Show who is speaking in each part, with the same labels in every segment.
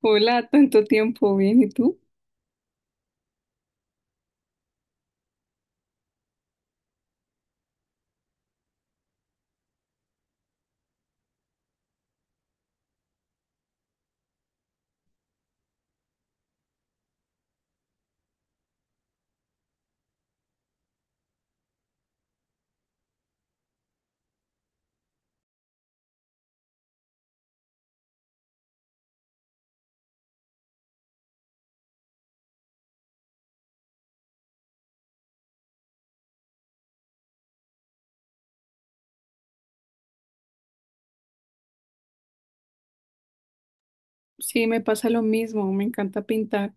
Speaker 1: Hola, tanto tiempo, bien, ¿y tú? Sí, me pasa lo mismo, me encanta pintar.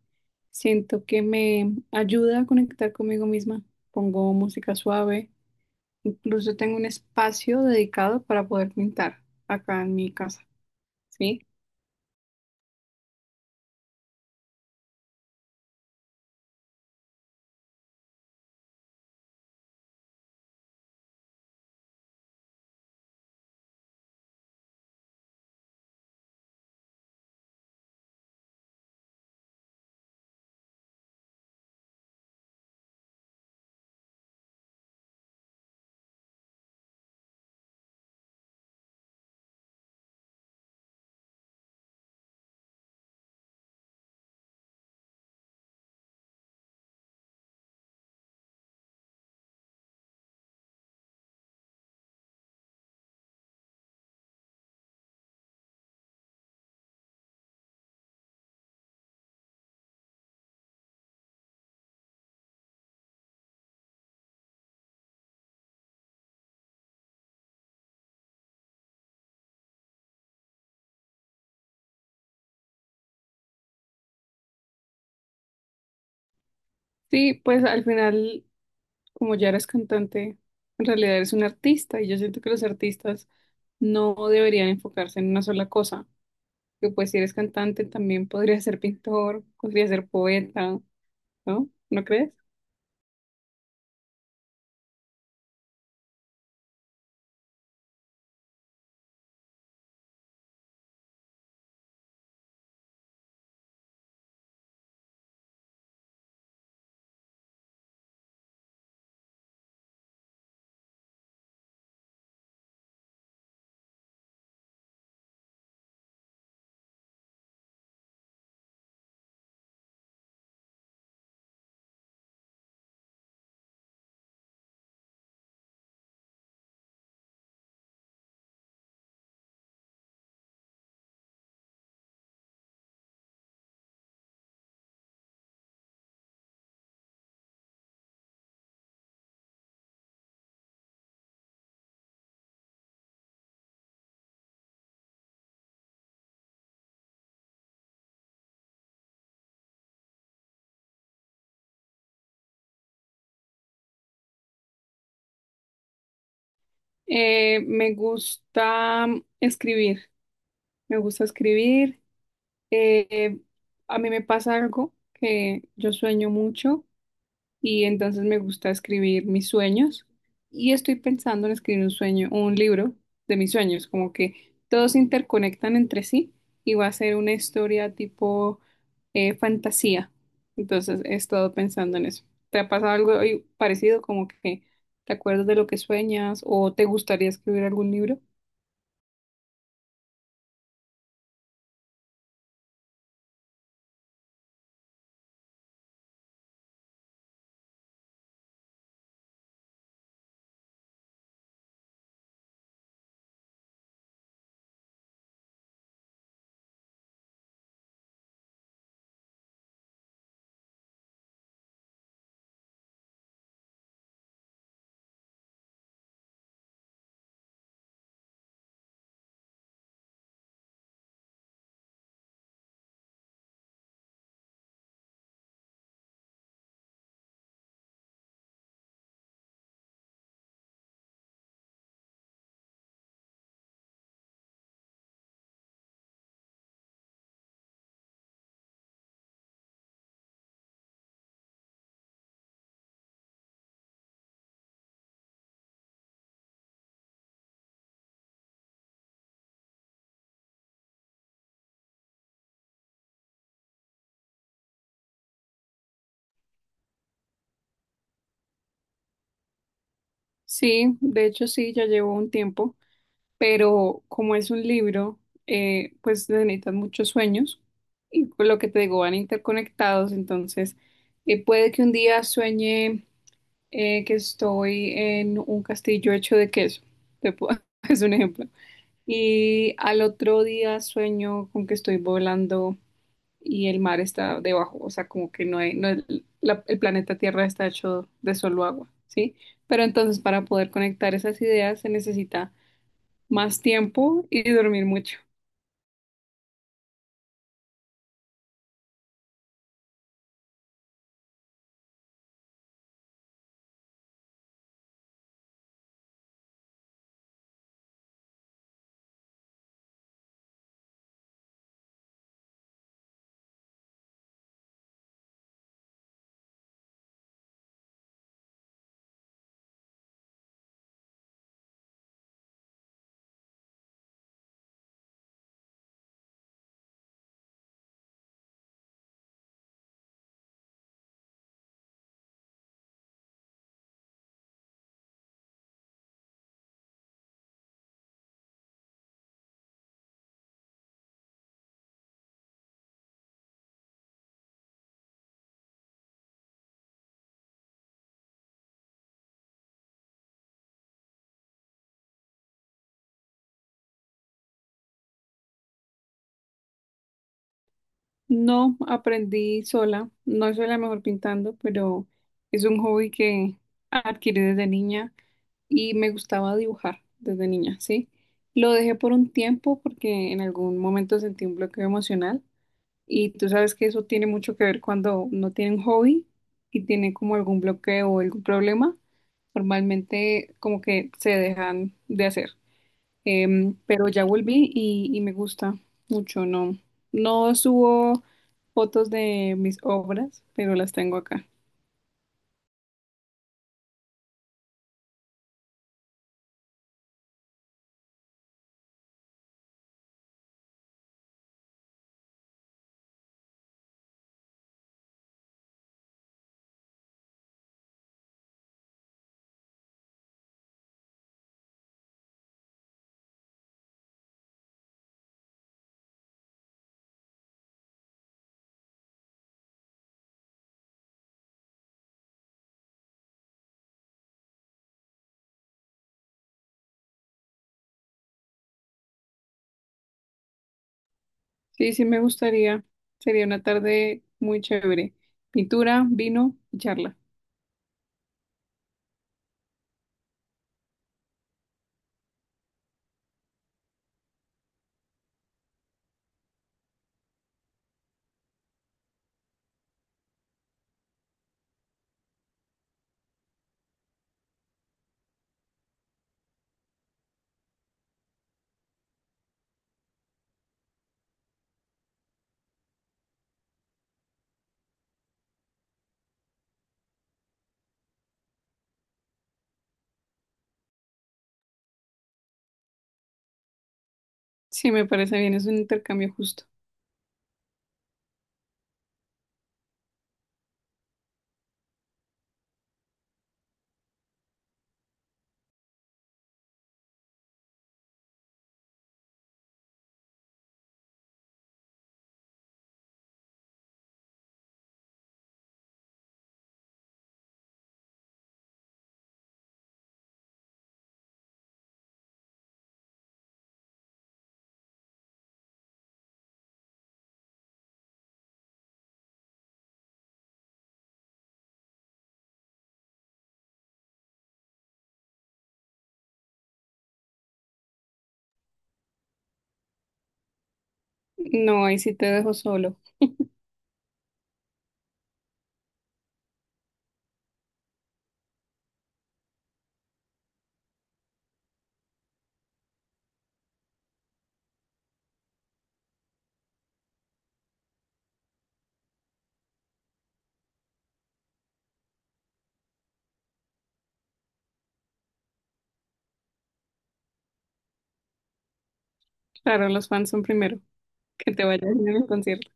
Speaker 1: Siento que me ayuda a conectar conmigo misma. Pongo música suave, incluso tengo un espacio dedicado para poder pintar acá en mi casa, ¿sí? Sí, pues al final, como ya eres cantante, en realidad eres un artista y yo siento que los artistas no deberían enfocarse en una sola cosa, que pues si eres cantante también podría ser pintor, podría ser poeta, ¿no? ¿No crees? Me gusta escribir, me gusta escribir. Eh, a mí me pasa algo, que yo sueño mucho y entonces me gusta escribir mis sueños y estoy pensando en escribir un sueño, un libro de mis sueños, como que todos se interconectan entre sí y va a ser una historia tipo fantasía. Entonces he estado pensando en eso. ¿Te ha pasado algo parecido, como que te acuerdas de lo que sueñas o te gustaría escribir algún libro? Sí, de hecho sí, ya llevo un tiempo, pero como es un libro, pues necesitan muchos sueños y por lo que te digo, van interconectados, entonces puede que un día sueñe que estoy en un castillo hecho de queso, te pu- es un ejemplo, y al otro día sueño con que estoy volando y el mar está debajo, o sea, como que no hay, no es- la- el planeta Tierra está hecho de solo agua, ¿sí? Pero entonces para poder conectar esas ideas se necesita más tiempo y dormir mucho. No aprendí sola, no soy la mejor pintando, pero es un hobby que adquirí desde niña y me gustaba dibujar desde niña, ¿sí? Lo dejé por un tiempo porque en algún momento sentí un bloqueo emocional. Y tú sabes que eso tiene mucho que ver cuando no tienen hobby y tienen como algún bloqueo o algún problema. Normalmente como que se dejan de hacer. Pero ya volví y me gusta mucho, ¿no? No subo fotos de mis obras, pero las tengo acá. Sí, sí me gustaría. Sería una tarde muy chévere. Pintura, vino y charla. Sí, me parece bien, es un intercambio justo. No, ahí sí te dejo solo. Claro, los fans son primero. Que te vayas bien al concierto.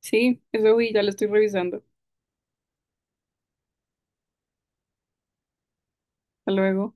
Speaker 1: Sí, eso vi, ya lo estoy revisando. Hasta luego.